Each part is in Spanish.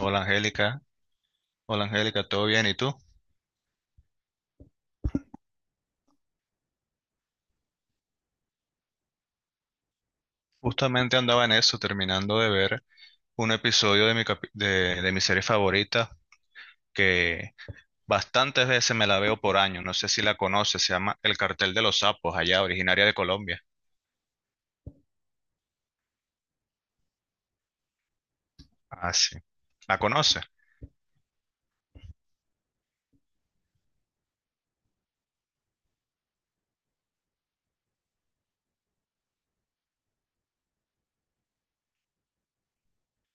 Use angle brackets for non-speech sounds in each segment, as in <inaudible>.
Hola Angélica, hola Angélica, ¿todo bien? ¿Y tú? Justamente andaba en eso, terminando de ver un episodio de mi serie favorita que bastantes veces me la veo por año, no sé si la conoces, se llama El Cartel de los Sapos, allá originaria de Colombia. Ah, sí. ¿La conoces?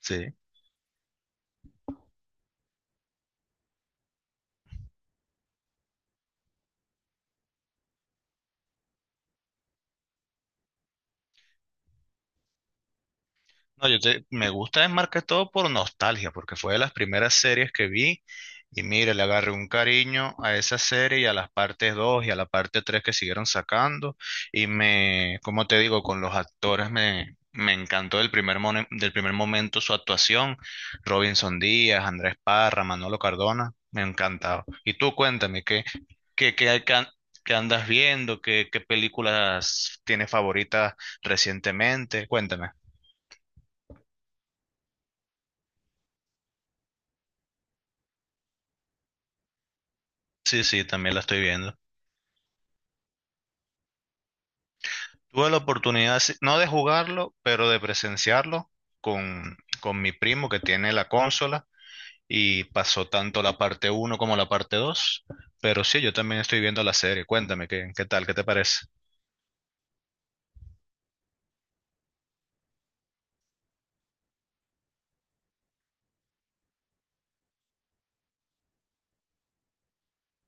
Sí. No, me gusta es todo por nostalgia, porque fue de las primeras series que vi y mire, le agarré un cariño a esa serie y a las partes 2 y a la parte 3 que siguieron sacando y me, como te digo, con los actores me encantó del primer momento su actuación, Robinson Díaz, Andrés Parra, Manolo Cardona, me encantaba. Y tú cuéntame, ¿qué, qué, qué, hay que an- qué andas viendo? ¿Qué películas tienes favoritas recientemente? Cuéntame. Sí, sí, también la estoy viendo. Tuve la oportunidad, sí, no de jugarlo, pero de presenciarlo con mi primo que tiene la consola y pasó tanto la parte uno como la parte 2. Pero sí, yo también estoy viendo la serie. Cuéntame, ¿qué tal? ¿Qué te parece?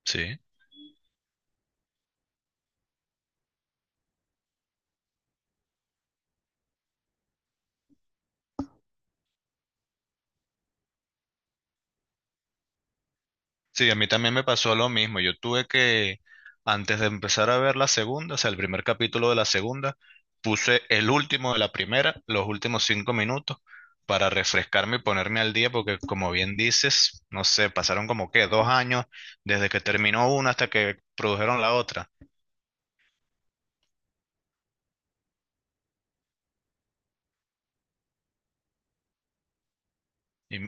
Sí. Sí, a mí también me pasó lo mismo. Yo tuve que, antes de empezar a ver la segunda, o sea, el primer capítulo de la segunda, puse el último de la primera, los últimos cinco minutos, para refrescarme y ponerme al día, porque como bien dices, no sé, pasaron como que dos años desde que terminó una hasta que produjeron la otra. Y,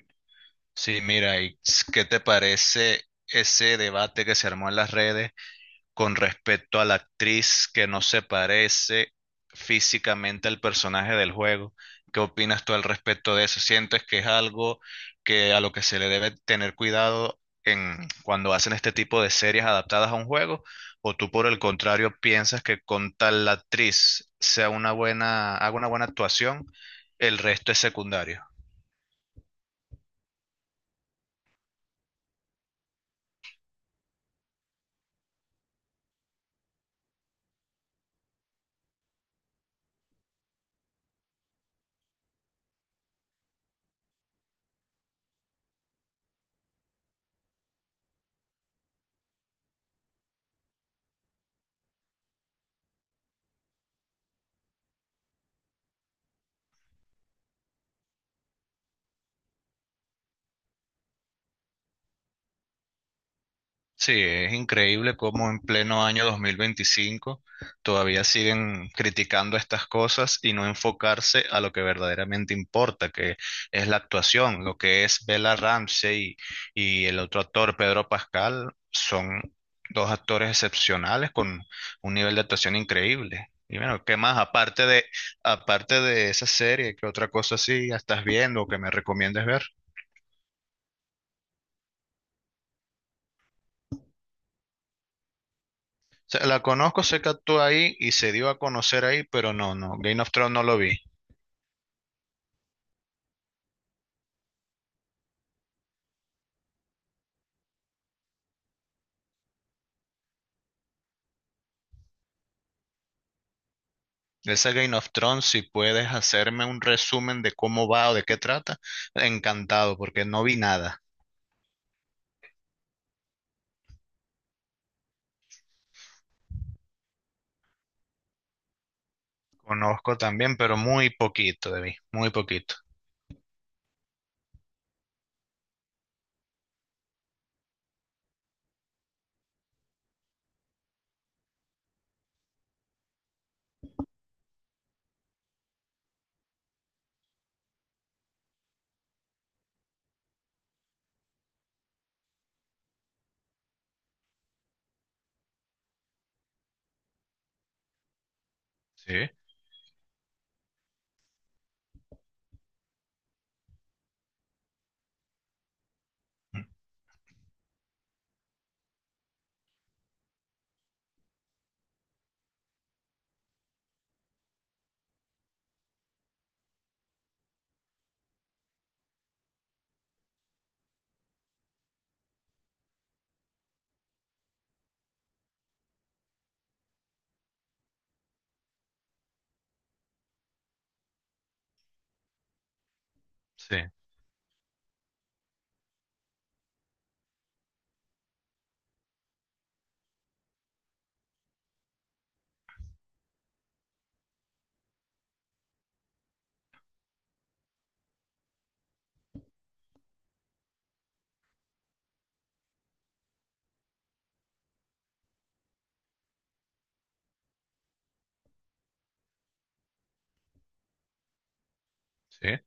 sí, mira, ¿y qué te parece ese debate que se armó en las redes con respecto a la actriz que no se parece físicamente al personaje del juego? ¿Qué opinas tú al respecto de eso? ¿Sientes que es algo que a lo que se le debe tener cuidado en cuando hacen este tipo de series adaptadas a un juego? ¿O tú por el contrario piensas que con tal la actriz sea una buena, haga una buena actuación, el resto es secundario? Sí, es increíble cómo en pleno año 2025 todavía siguen criticando estas cosas y no enfocarse a lo que verdaderamente importa, que es la actuación. Lo que es Bella Ramsey y el otro actor, Pedro Pascal, son dos actores excepcionales con un nivel de actuación increíble. Y bueno, ¿qué más? Aparte de esa serie, ¿qué otra cosa sí estás viendo o que me recomiendes ver? Sea, la conozco, sé que actúa ahí y se dio a conocer ahí, pero no, no, Game of Thrones no lo vi. Ese Game of Thrones, si puedes hacerme un resumen de cómo va o de qué trata, encantado, porque no vi nada. Conozco también, pero muy poquito de mí, muy poquito. Sí, sí, sí.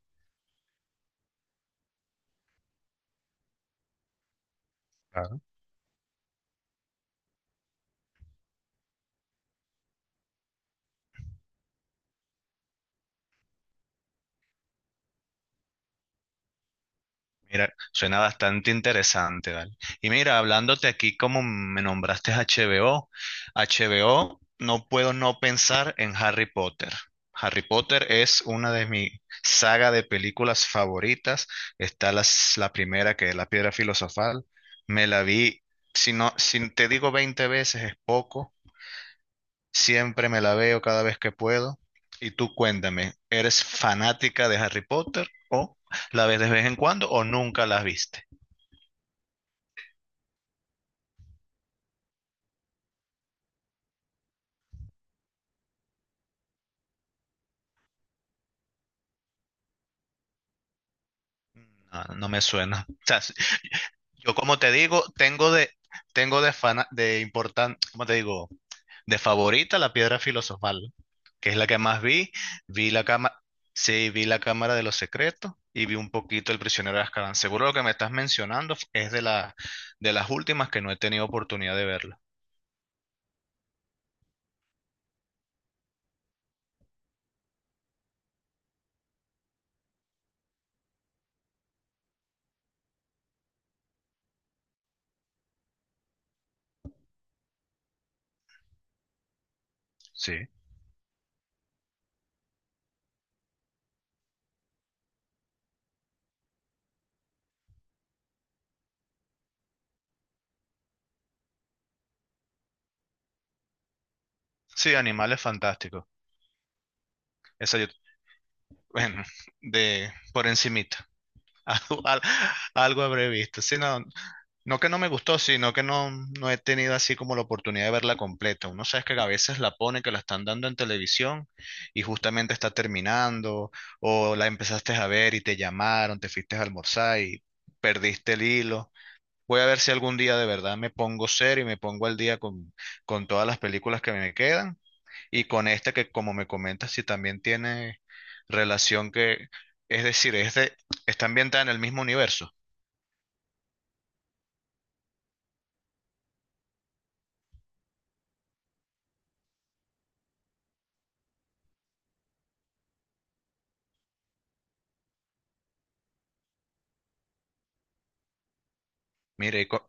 Mira, suena bastante interesante, ¿vale? Y mira, hablándote aquí como me nombraste HBO, no puedo no pensar en Harry Potter. Harry Potter es una de mis saga de películas favoritas. Está la primera, que es La Piedra Filosofal. Me la vi, si no, si te digo 20 veces es poco. Siempre me la veo cada vez que puedo. Y tú cuéntame, ¿eres fanática de Harry Potter o la ves de vez en cuando o nunca la viste? No, no me suena. <laughs> O sea, sí, yo como te digo, tengo de importante, ¿cómo te digo? De favorita la piedra filosofal, que es la que más vi. Vi la cámara Sí, vi la Cámara de los Secretos y vi un poquito El prisionero de Azkaban. Seguro lo que me estás mencionando es de las últimas que no he tenido oportunidad de verla. Sí. Sí, Animales Fantásticos. Esa yo, <laughs> bueno, de por encimita. <laughs> Algo, algo habré visto. Sí, no, no que no me gustó, sino que no, no he tenido así como la oportunidad de verla completa. Uno sabe que a veces la pone, que la están dando en televisión y justamente está terminando, o la empezaste a ver y te llamaron, te fuiste a almorzar y perdiste el hilo. Voy a ver si algún día de verdad me pongo serio y me pongo al día con todas las películas que me quedan y con esta que como me comentas, si también tiene relación que, es decir, es de, está ambientada en el mismo universo. Mire, y co-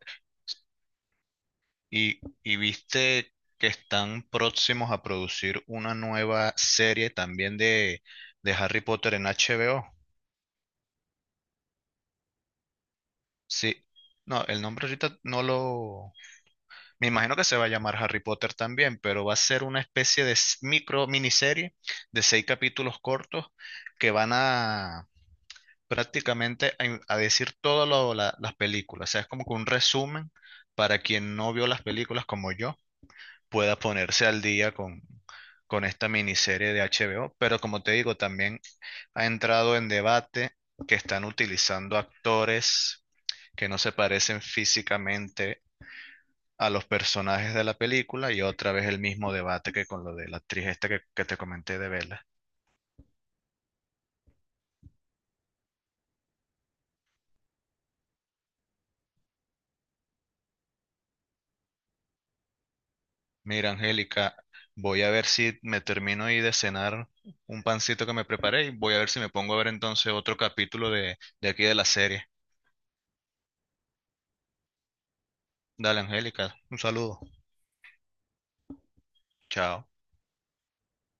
Y, y viste que están próximos a producir una nueva serie también de Harry Potter en HBO. Sí, no, el nombre ahorita no lo... Me imagino que se va a llamar Harry Potter también, pero va a ser una especie de micro miniserie de seis capítulos cortos que van a prácticamente a decir todas las películas. O sea, es como que un resumen para quien no vio las películas como yo pueda ponerse al día con esta miniserie de HBO. Pero como te digo, también ha entrado en debate que están utilizando actores que no se parecen físicamente a los personajes de la película y otra vez el mismo debate que con lo de la actriz esta que te comenté de Vela. Mira, Angélica, voy a ver si me termino ahí de cenar un pancito que me preparé y voy a ver si me pongo a ver entonces otro capítulo de aquí de la serie. Dale, Angélica, un saludo. Chao.